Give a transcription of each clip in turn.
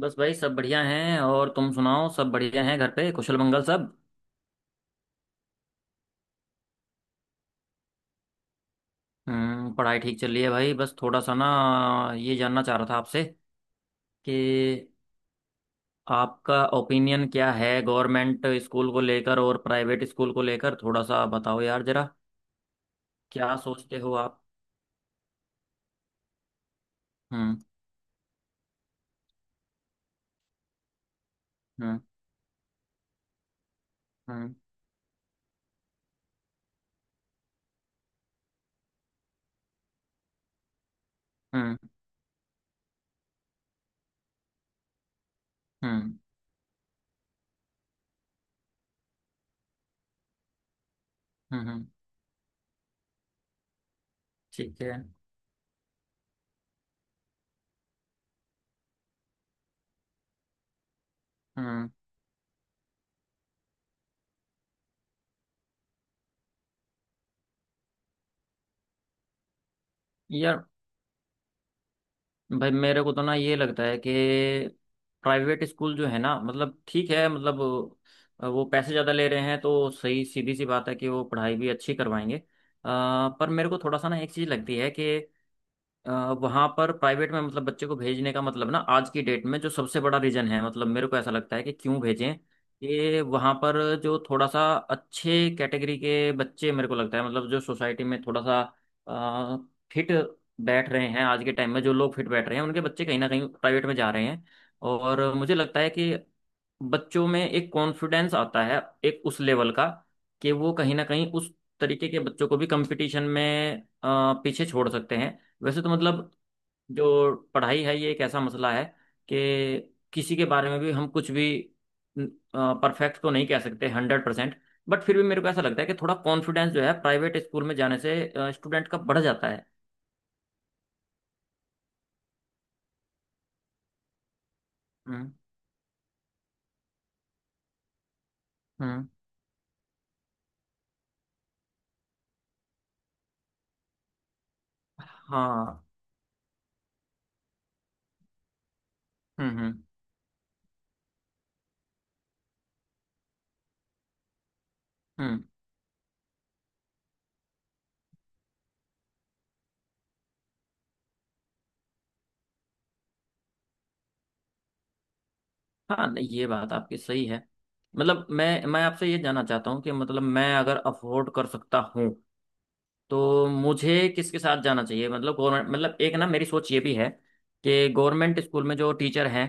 बस भाई, सब बढ़िया हैं। और तुम सुनाओ, सब बढ़िया हैं घर पे, कुशल मंगल सब। पढ़ाई ठीक चल रही है भाई। बस थोड़ा सा ना, ये जानना चाह रहा था आपसे कि आपका ओपिनियन क्या है गवर्नमेंट स्कूल को लेकर और प्राइवेट स्कूल को लेकर। थोड़ा सा बताओ यार जरा। क्या सोचते हो आप? हम्म। हम्म। हम्म। हम्म। हम्म। हम्म, हम्म, ठीक है। हम्म। यार, भाई मेरे को तो ना ये लगता है कि प्राइवेट स्कूल जो है ना, मतलब ठीक है मतलब, वो पैसे ज़्यादा ले रहे हैं तो सही सीधी सी बात है कि वो पढ़ाई भी अच्छी करवाएंगे। पर मेरे को थोड़ा सा ना एक चीज़ लगती है कि वहां पर प्राइवेट में, मतलब बच्चे को भेजने का मतलब ना, आज की डेट में जो सबसे बड़ा रीजन है, मतलब मेरे को ऐसा लगता है कि क्यों भेजें। कि वहां पर जो थोड़ा सा अच्छे कैटेगरी के बच्चे, मेरे को लगता है मतलब, जो सोसाइटी में थोड़ा सा फिट बैठ रहे हैं, आज के टाइम में जो लोग फिट बैठ रहे हैं, उनके बच्चे कहीं ना कहीं प्राइवेट में जा रहे हैं। और मुझे लगता है कि बच्चों में एक कॉन्फिडेंस आता है, एक उस लेवल का कि वो कहीं ना कहीं उस तरीके के बच्चों को भी कंपटीशन में पीछे छोड़ सकते हैं। वैसे तो मतलब, जो पढ़ाई है ये एक ऐसा मसला है कि किसी के बारे में भी हम कुछ भी परफेक्ट तो नहीं कह सकते 100%। बट फिर भी मेरे को ऐसा लगता है कि थोड़ा कॉन्फिडेंस जो है प्राइवेट स्कूल में जाने से स्टूडेंट का बढ़ जाता है। हम्म। हम्म। हाँ। हम्म। हम्म। हम्म। हाँ, नहीं, ये बात आपकी सही है। मतलब मैं आपसे ये जानना चाहता हूँ कि मतलब मैं अगर अफोर्ड कर सकता हूँ तो मुझे किसके साथ जाना चाहिए? मतलब गवर्नमेंट मतलब, एक ना मेरी सोच ये भी है कि गवर्नमेंट स्कूल में जो टीचर हैं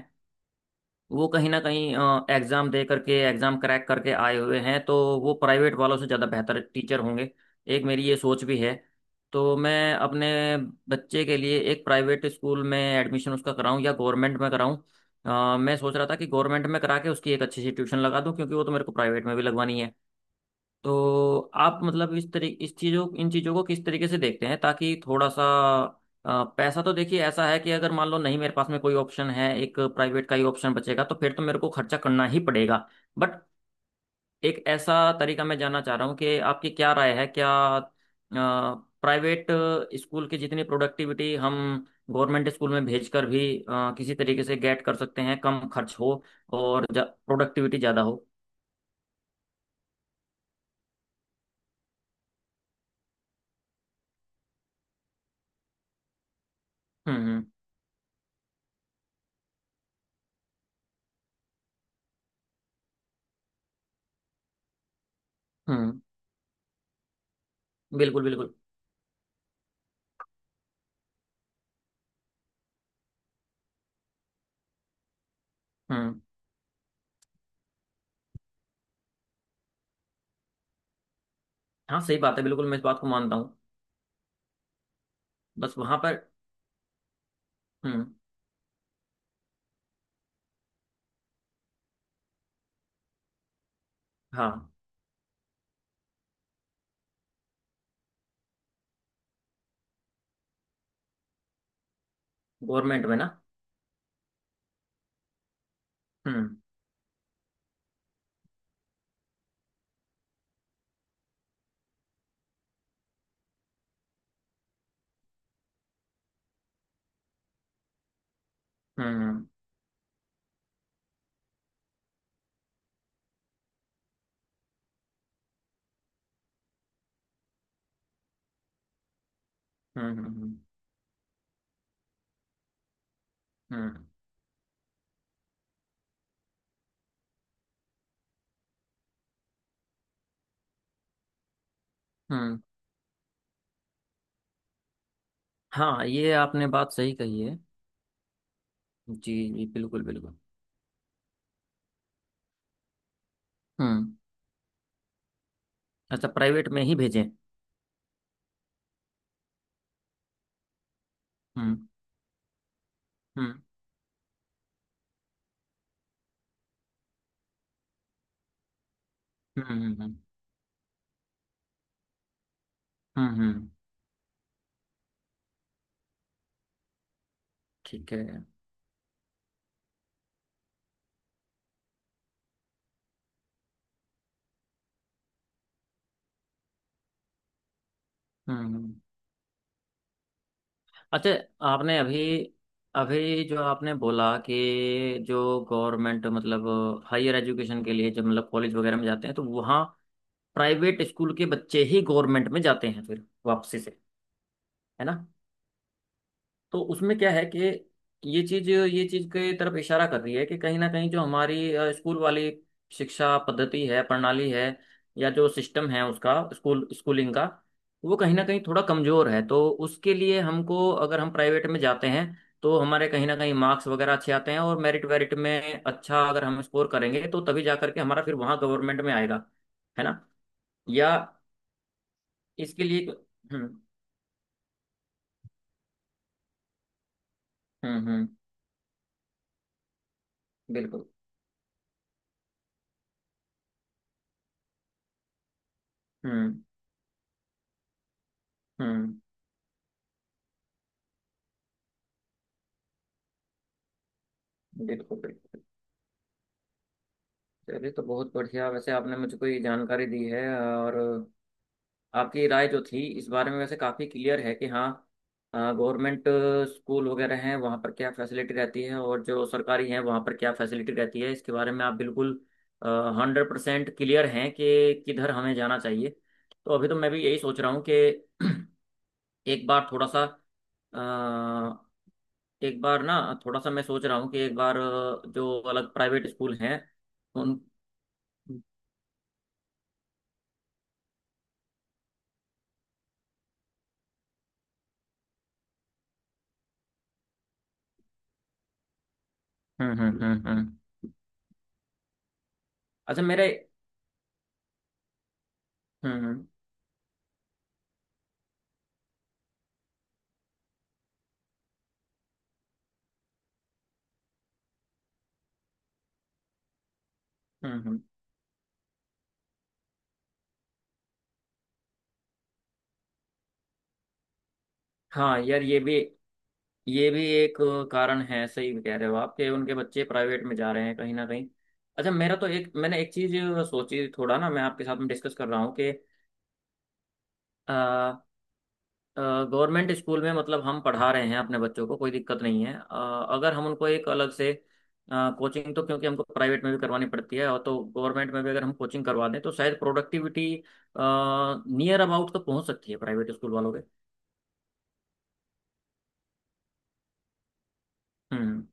वो कहीं ना कहीं एग्ज़ाम दे करके, एग्ज़ाम क्रैक करके आए हुए हैं, तो वो प्राइवेट वालों से ज़्यादा बेहतर टीचर होंगे। एक मेरी ये सोच भी है। तो मैं अपने बच्चे के लिए एक प्राइवेट स्कूल में एडमिशन उसका कराऊं या गवर्नमेंट में कराऊं? मैं सोच रहा था कि गवर्नमेंट में करा के उसकी एक अच्छी सी ट्यूशन लगा दूं, क्योंकि वो तो मेरे को प्राइवेट में भी लगवानी है। तो आप मतलब इस तरीके, इस चीज़ों इन चीज़ों को किस तरीके से देखते हैं ताकि थोड़ा सा। पैसा तो देखिए ऐसा है कि अगर मान लो, नहीं, मेरे पास में कोई ऑप्शन है, एक प्राइवेट का ही ऑप्शन बचेगा तो फिर तो मेरे को खर्चा करना ही पड़ेगा। बट एक ऐसा तरीका मैं जानना चाह रहा हूँ कि आपकी क्या राय है, क्या प्राइवेट स्कूल की जितनी प्रोडक्टिविटी हम गवर्नमेंट स्कूल में भेजकर भी किसी तरीके से गेट कर सकते हैं? कम खर्च हो और प्रोडक्टिविटी ज़्यादा हो। हम्म। हम्म। हम्म, बिल्कुल बिल्कुल। हम्म। हाँ सही बात है, बिल्कुल मैं इस बात को मानता हूँ। बस वहां पर। हम्म। हाँ। गवर्नमेंट में ना। हम्म। हम्म। हम्म। हम्म। हम्म। हम्म। हम्म, हाँ, ये आपने बात सही कही है। जी जी, बिल्कुल बिल्कुल। हम्म। अच्छा, प्राइवेट में ही भेजें? हम्म। हम्म। हम्म। हम्म। हम्म। हम्म, हम्म, ठीक है। हम्म। हम्म, अच्छा। आपने अभी अभी जो आपने बोला कि जो गवर्नमेंट मतलब, हायर एजुकेशन के लिए जब मतलब कॉलेज वगैरह में जाते हैं, तो वहाँ प्राइवेट स्कूल के बच्चे ही गवर्नमेंट में जाते हैं फिर वापसी से, है ना? तो उसमें क्या है कि ये चीज के तरफ इशारा कर रही है कि कहीं ना कहीं जो हमारी स्कूल वाली शिक्षा पद्धति है, प्रणाली है, या जो सिस्टम है उसका, स्कूलिंग का, वो कहीं ना कहीं थोड़ा कमजोर है। तो उसके लिए हमको, अगर हम प्राइवेट में जाते हैं तो हमारे कहीं ना कहीं मार्क्स वगैरह अच्छे आते हैं, और मेरिट वेरिट में अच्छा अगर हम स्कोर करेंगे तो तभी जा करके हमारा फिर वहाँ गवर्नमेंट में आएगा, है ना? या इसके लिए तो। हम्म। हम्म। हम्म। बिल्कुल। हम्म। हम्म। बिल्कुल बिल्कुल। चलिए तो बहुत बढ़िया, वैसे आपने मुझको ये जानकारी दी है, और आपकी राय जो थी इस बारे में वैसे काफ़ी क्लियर है कि हाँ, गवर्नमेंट स्कूल वगैरह हैं वहाँ पर क्या फैसिलिटी रहती है और जो सरकारी हैं वहाँ पर क्या फैसिलिटी रहती है, इसके बारे में आप बिल्कुल 100% क्लियर हैं कि किधर हमें जाना चाहिए। तो अभी तो मैं भी यही सोच रहा हूँ कि एक बार थोड़ा सा एक बार ना थोड़ा सा मैं सोच रहा हूँ कि एक बार, जो अलग प्राइवेट स्कूल हैं उन। हम्म। हम्म। हम्म। हम्म। अच्छा मेरे। हम्म। हम्म। हम्म। हम्म। हाँ यार, ये भी एक कारण है, सही कह रहे हो आप, कि उनके बच्चे प्राइवेट में जा रहे हैं कहीं ना कहीं। अच्छा मेरा तो एक मैंने एक चीज सोची, थोड़ा ना मैं आपके साथ में डिस्कस कर रहा हूँ कि गवर्नमेंट स्कूल में मतलब हम पढ़ा रहे हैं अपने बच्चों को, कोई दिक्कत नहीं है, अगर हम उनको एक अलग से कोचिंग, तो क्योंकि हमको प्राइवेट में भी करवानी पड़ती है, और तो गवर्नमेंट में भी अगर हम कोचिंग करवा दें तो शायद प्रोडक्टिविटी नियर अबाउट तो पहुंच सकती है प्राइवेट स्कूल वालों के। हम्म।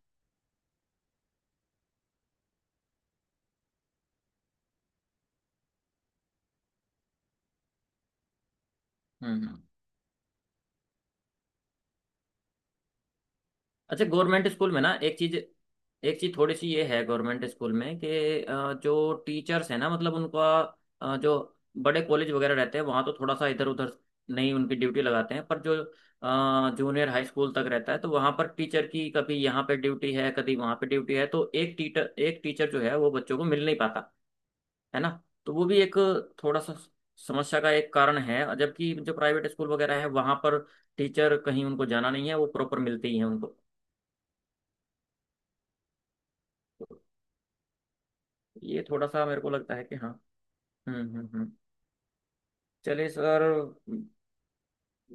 हम्म। हम्म। अच्छा गवर्नमेंट स्कूल में ना, एक चीज थोड़ी सी ये है गवर्नमेंट स्कूल में कि जो टीचर्स हैं ना, मतलब उनका, जो बड़े कॉलेज वगैरह रहते हैं वहाँ तो थोड़ा सा इधर उधर नहीं उनकी ड्यूटी लगाते हैं, पर जो जूनियर हाई स्कूल तक रहता है, तो वहाँ पर टीचर की कभी यहाँ पे ड्यूटी है कभी वहाँ पे ड्यूटी है, तो एक टीचर जो है वो बच्चों को मिल नहीं पाता। है ना? तो वो भी एक, थोड़ा सा समस्या का एक कारण है, जबकि जो प्राइवेट स्कूल वगैरह है वहाँ पर टीचर, कहीं उनको जाना नहीं है, वो प्रॉपर मिलते ही हैं उनको। ये थोड़ा सा मेरे को लगता है कि हाँ। हम्म। हम्म। हम्म। चलिए सर,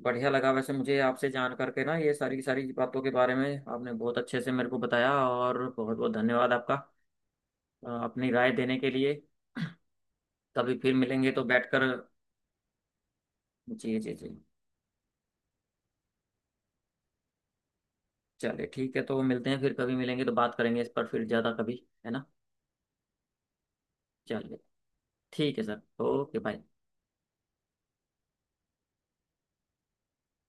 बढ़िया लगा वैसे मुझे आपसे जान करके ना, ये सारी की सारी बातों के बारे में आपने बहुत अच्छे से मेरे को बताया। और बहुत बहुत धन्यवाद आपका अपनी राय देने के लिए। कभी फिर मिलेंगे तो बैठकर। जी जी जी। चलिए ठीक है, तो मिलते हैं, फिर कभी मिलेंगे तो बात करेंगे इस पर फिर ज़्यादा कभी, है ना? चलिए ठीक है सर, ओके बाय।